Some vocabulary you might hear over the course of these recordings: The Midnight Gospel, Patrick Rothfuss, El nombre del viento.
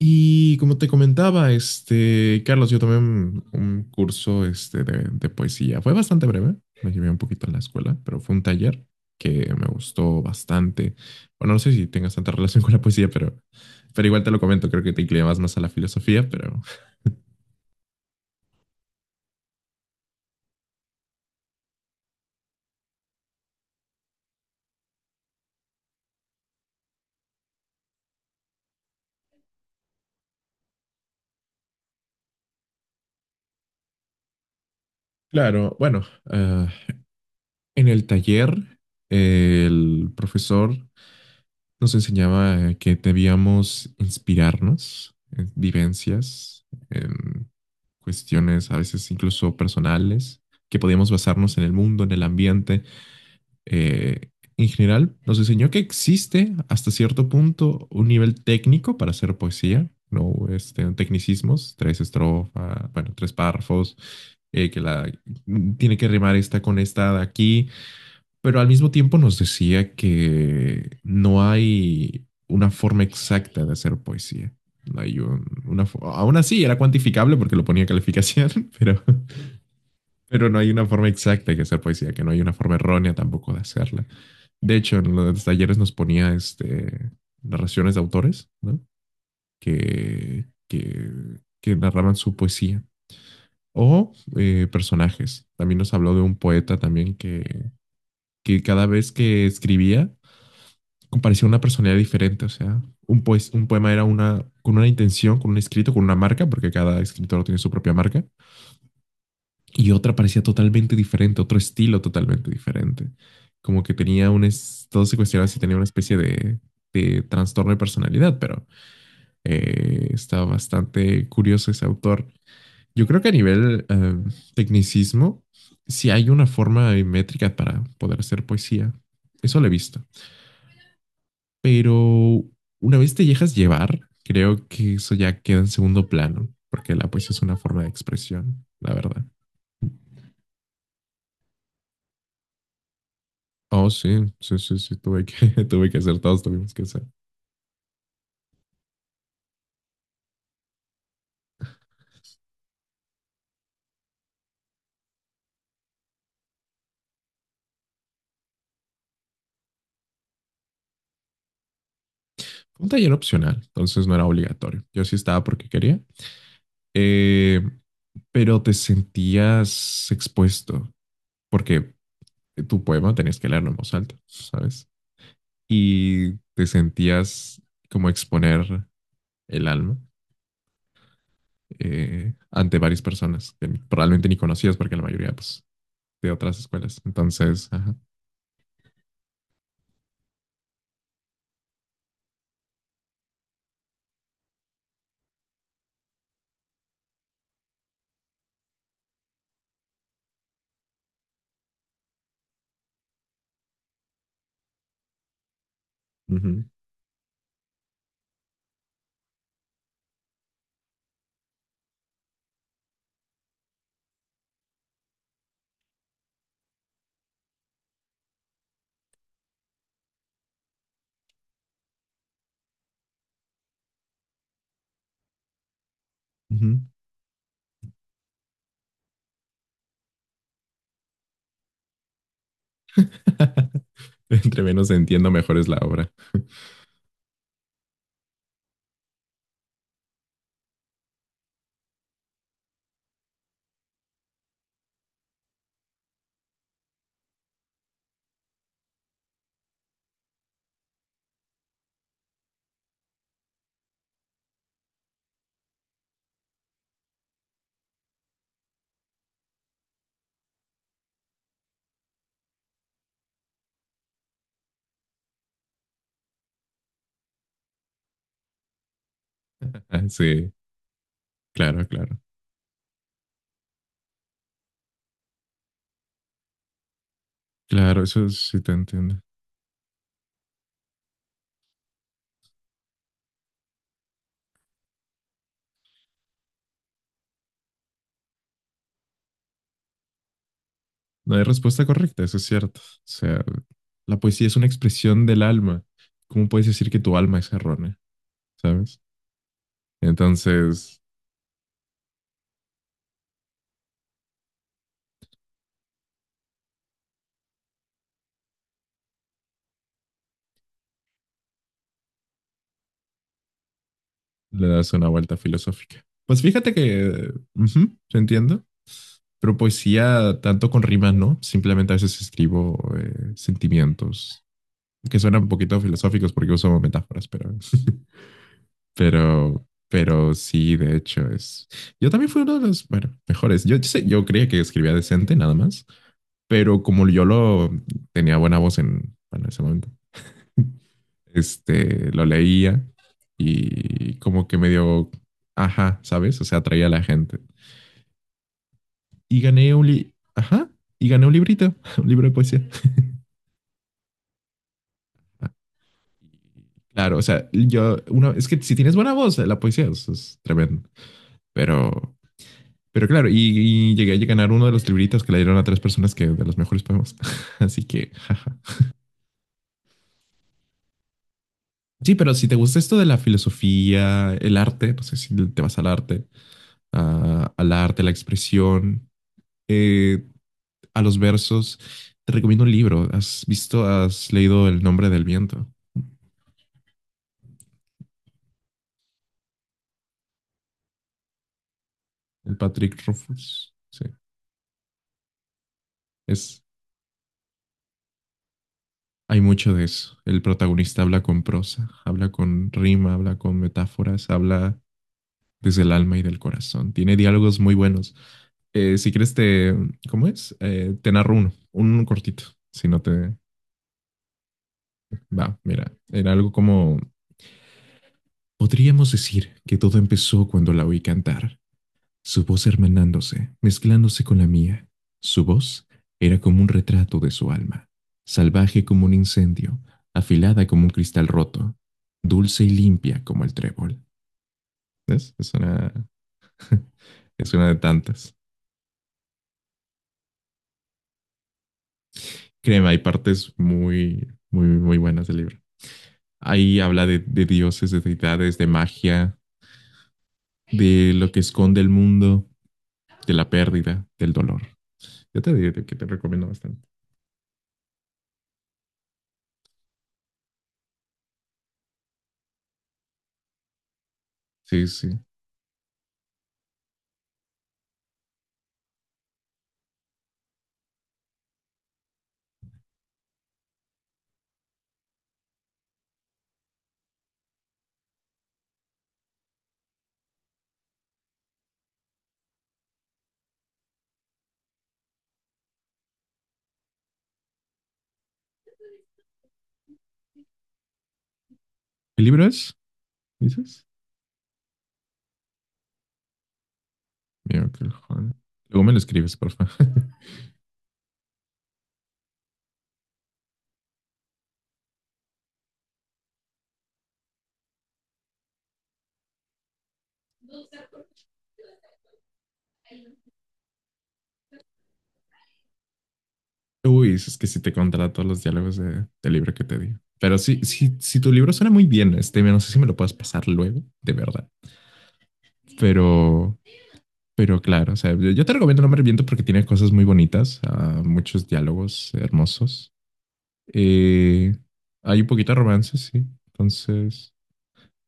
Y como te comentaba, Carlos, yo tomé un curso de poesía. Fue bastante breve, me llevé un poquito en la escuela, pero fue un taller que me gustó bastante. Bueno, no sé si tengas tanta relación con la poesía, pero igual te lo comento. Creo que te inclinabas más a la filosofía, pero. Claro, bueno, ah, en el taller, el profesor nos enseñaba que debíamos inspirarnos en vivencias, en cuestiones a veces incluso personales, que podíamos basarnos en el mundo, en el ambiente. eh, en general, nos enseñó que existe hasta cierto punto un nivel técnico para hacer poesía. No, tecnicismos, tres estrofas, bueno, tres párrafos, que la tiene que rimar esta con esta de aquí, pero al mismo tiempo nos decía que no hay una forma exacta de hacer poesía. No hay una, aún así era cuantificable porque lo ponía en calificación, pero, no hay una forma exacta de hacer poesía, que no hay una forma errónea tampoco de hacerla. De hecho, en los talleres nos ponía narraciones de autores, ¿no? Que, que, que narraban su poesía. O personajes. También nos habló de un poeta también que cada vez que escribía compareció una personalidad diferente. O sea, un poema era una, con una intención, con un escrito, con una marca, porque cada escritor tiene su propia marca, y otra parecía totalmente diferente, otro estilo totalmente diferente, como que tenía todo se cuestionaba si tenía una especie de trastorno de personalidad, pero está bastante curioso ese autor. Yo creo que a nivel tecnicismo, si hay una forma métrica para poder hacer poesía, eso lo he visto. Pero una vez te dejas llevar, creo que eso ya queda en segundo plano, porque la poesía es una forma de expresión, la verdad. Oh, sí, sí, sí, sí, tuve que, tuve que hacer, todos tuvimos que hacer. Un taller opcional, entonces no era obligatorio. Yo sí estaba porque quería, eh, pero te sentías expuesto, porque tu poema tenías que leerlo en voz alta, ¿sabes? Y te sentías como exponer el alma ante varias personas que probablemente ni conocías, porque la mayoría pues, de otras escuelas. Entonces, ajá. Ujú, ujú. Entre menos entiendo, mejor es la obra. Sí, claro, claro. Claro, eso sí te entiendo. No hay respuesta correcta, eso es cierto. O sea, la poesía es una expresión del alma. ¿Cómo puedes decir que tu alma es errónea? ¿Sabes? Entonces le das una vuelta filosófica. Pues fíjate que, ujú, yo entiendo, pero poesía tanto con rimas, ¿no? Simplemente a veces escribo sentimientos que suenan un poquito filosóficos porque uso metáforas, pero, pero sí, de hecho es. Yo también fui uno de los, bueno, mejores. Yo, yo creía que escribía decente, nada más. Pero como yo lo tenía buena voz en, bueno, en ese momento, lo leía y como que medio, ajá, ¿sabes? O sea, atraía a la gente. Y gané un, li ajá, y gané un librito, un libro de poesía. Ah, Claro, o sea, yo, una, es que si tienes buena voz, la poesía es tremendo, pero, pero, claro, llegué a ganar uno de los libritos que le dieron a tres personas, que de los mejores poemas. Así que, jaja. Sí, pero si te gusta esto de la filosofía, el arte, no sé si te vas al arte, al arte, a la expresión, eh, a los versos. Te recomiendo un libro. ¿Has visto, has leído El nombre del viento? El Patrick Rothfuss. Sí, es, hay mucho de eso. El protagonista habla con prosa, habla con rima, habla con metáforas, habla desde el alma y del corazón. Tiene diálogos muy buenos. Si quieres te, ¿cómo es? Te narro uno, un cortito. Si no te va, mira, era algo como, podríamos decir que todo empezó cuando la oí cantar. Su voz hermanándose, mezclándose con la mía. Su voz era como un retrato de su alma, salvaje como un incendio, afilada como un cristal roto, dulce y limpia como el trébol. ¿Ves? Es una, es una de tantas. Créeme, hay partes muy, muy, muy buenas del libro. Ahí habla de, dioses, de deidades, de magia, de lo que esconde el mundo, de la pérdida, del dolor. Yo te digo que te recomiendo bastante. Sí, sí. ¿El libro es? ¿Dices? Miracle Honey. Luego me lo escribes, porfa. Uy, es que si te contara todos los diálogos de, del libro que te di. Pero sí, sí, si tu libro suena muy bien, no sé si me lo puedes pasar luego, de verdad. Pero, pero, claro, o sea, yo te recomiendo No me reviento porque tiene cosas muy bonitas, muchos diálogos hermosos. Eh, Hay un poquito de romance, sí. Entonces,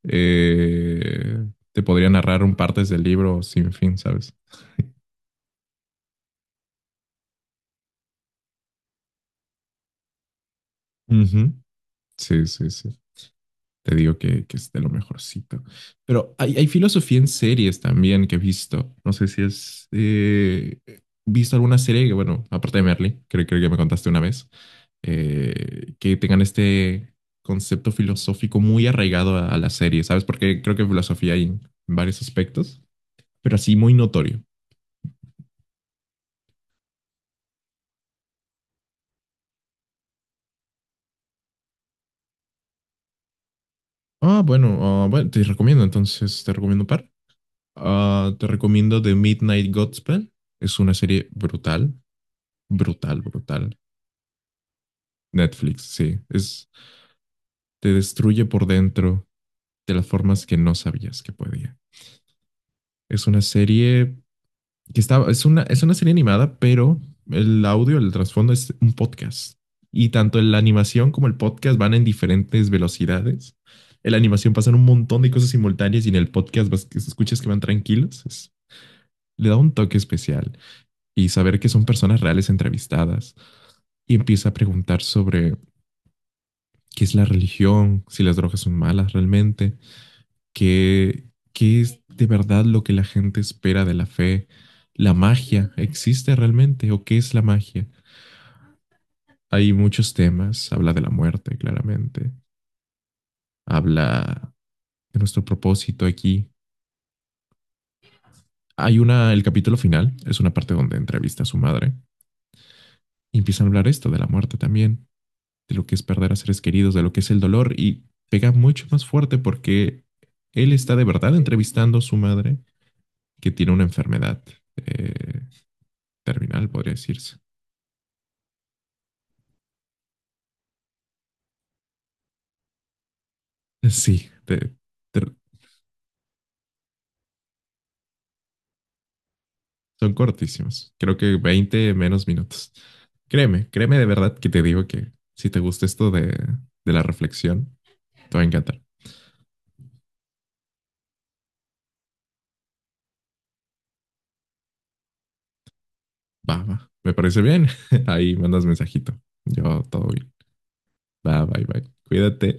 eh, te podría narrar un partes del libro sin fin, ¿sabes? Ujú. Sí, sí, sí. Te digo que es de lo mejorcito. Pero hay filosofía en series también que he visto. No sé si has visto alguna serie que, bueno, aparte de Merly, creo, creo que me contaste una vez, que tengan este concepto filosófico muy arraigado a la serie, ¿sabes? Porque creo que filosofía hay en varios aspectos, pero así muy notorio. Bueno, bueno, te recomiendo un par. Te recomiendo The Midnight Gospel. Es una serie brutal, brutal, brutal. Netflix, sí. Es, te destruye por dentro de las formas que no sabías que podía. Es una serie que está, es una serie animada, pero el audio, el trasfondo es un podcast. Y tanto la animación como el podcast van en diferentes velocidades. En la animación pasan un montón de cosas simultáneas y en el podcast vas, escuchas que van tranquilos. Le da un toque especial. Y saber que son personas reales entrevistadas. Y empieza a preguntar sobre qué es la religión, si las drogas son malas realmente. ¿Qué, qué es de verdad lo que la gente espera de la fe? ¿La magia existe realmente, o qué es la magia? Hay muchos temas, habla de la muerte, claramente, habla de nuestro propósito aquí. El capítulo final es una parte donde entrevista a su madre y empiezan a hablar esto de la muerte también, de lo que es perder a seres queridos, de lo que es el dolor, y pega mucho más fuerte porque él está de verdad entrevistando a su madre, que tiene una enfermedad eh, terminal, podría decirse. Sí, te- son cortísimos. Creo que 20 menos minutos. Créeme, créeme de verdad que te digo que si te gusta esto de la reflexión, te va a encantar. Va, va. Me parece bien. Ahí mandas mensajito. Yo todo bien. Va, bye, bye. Cuídate.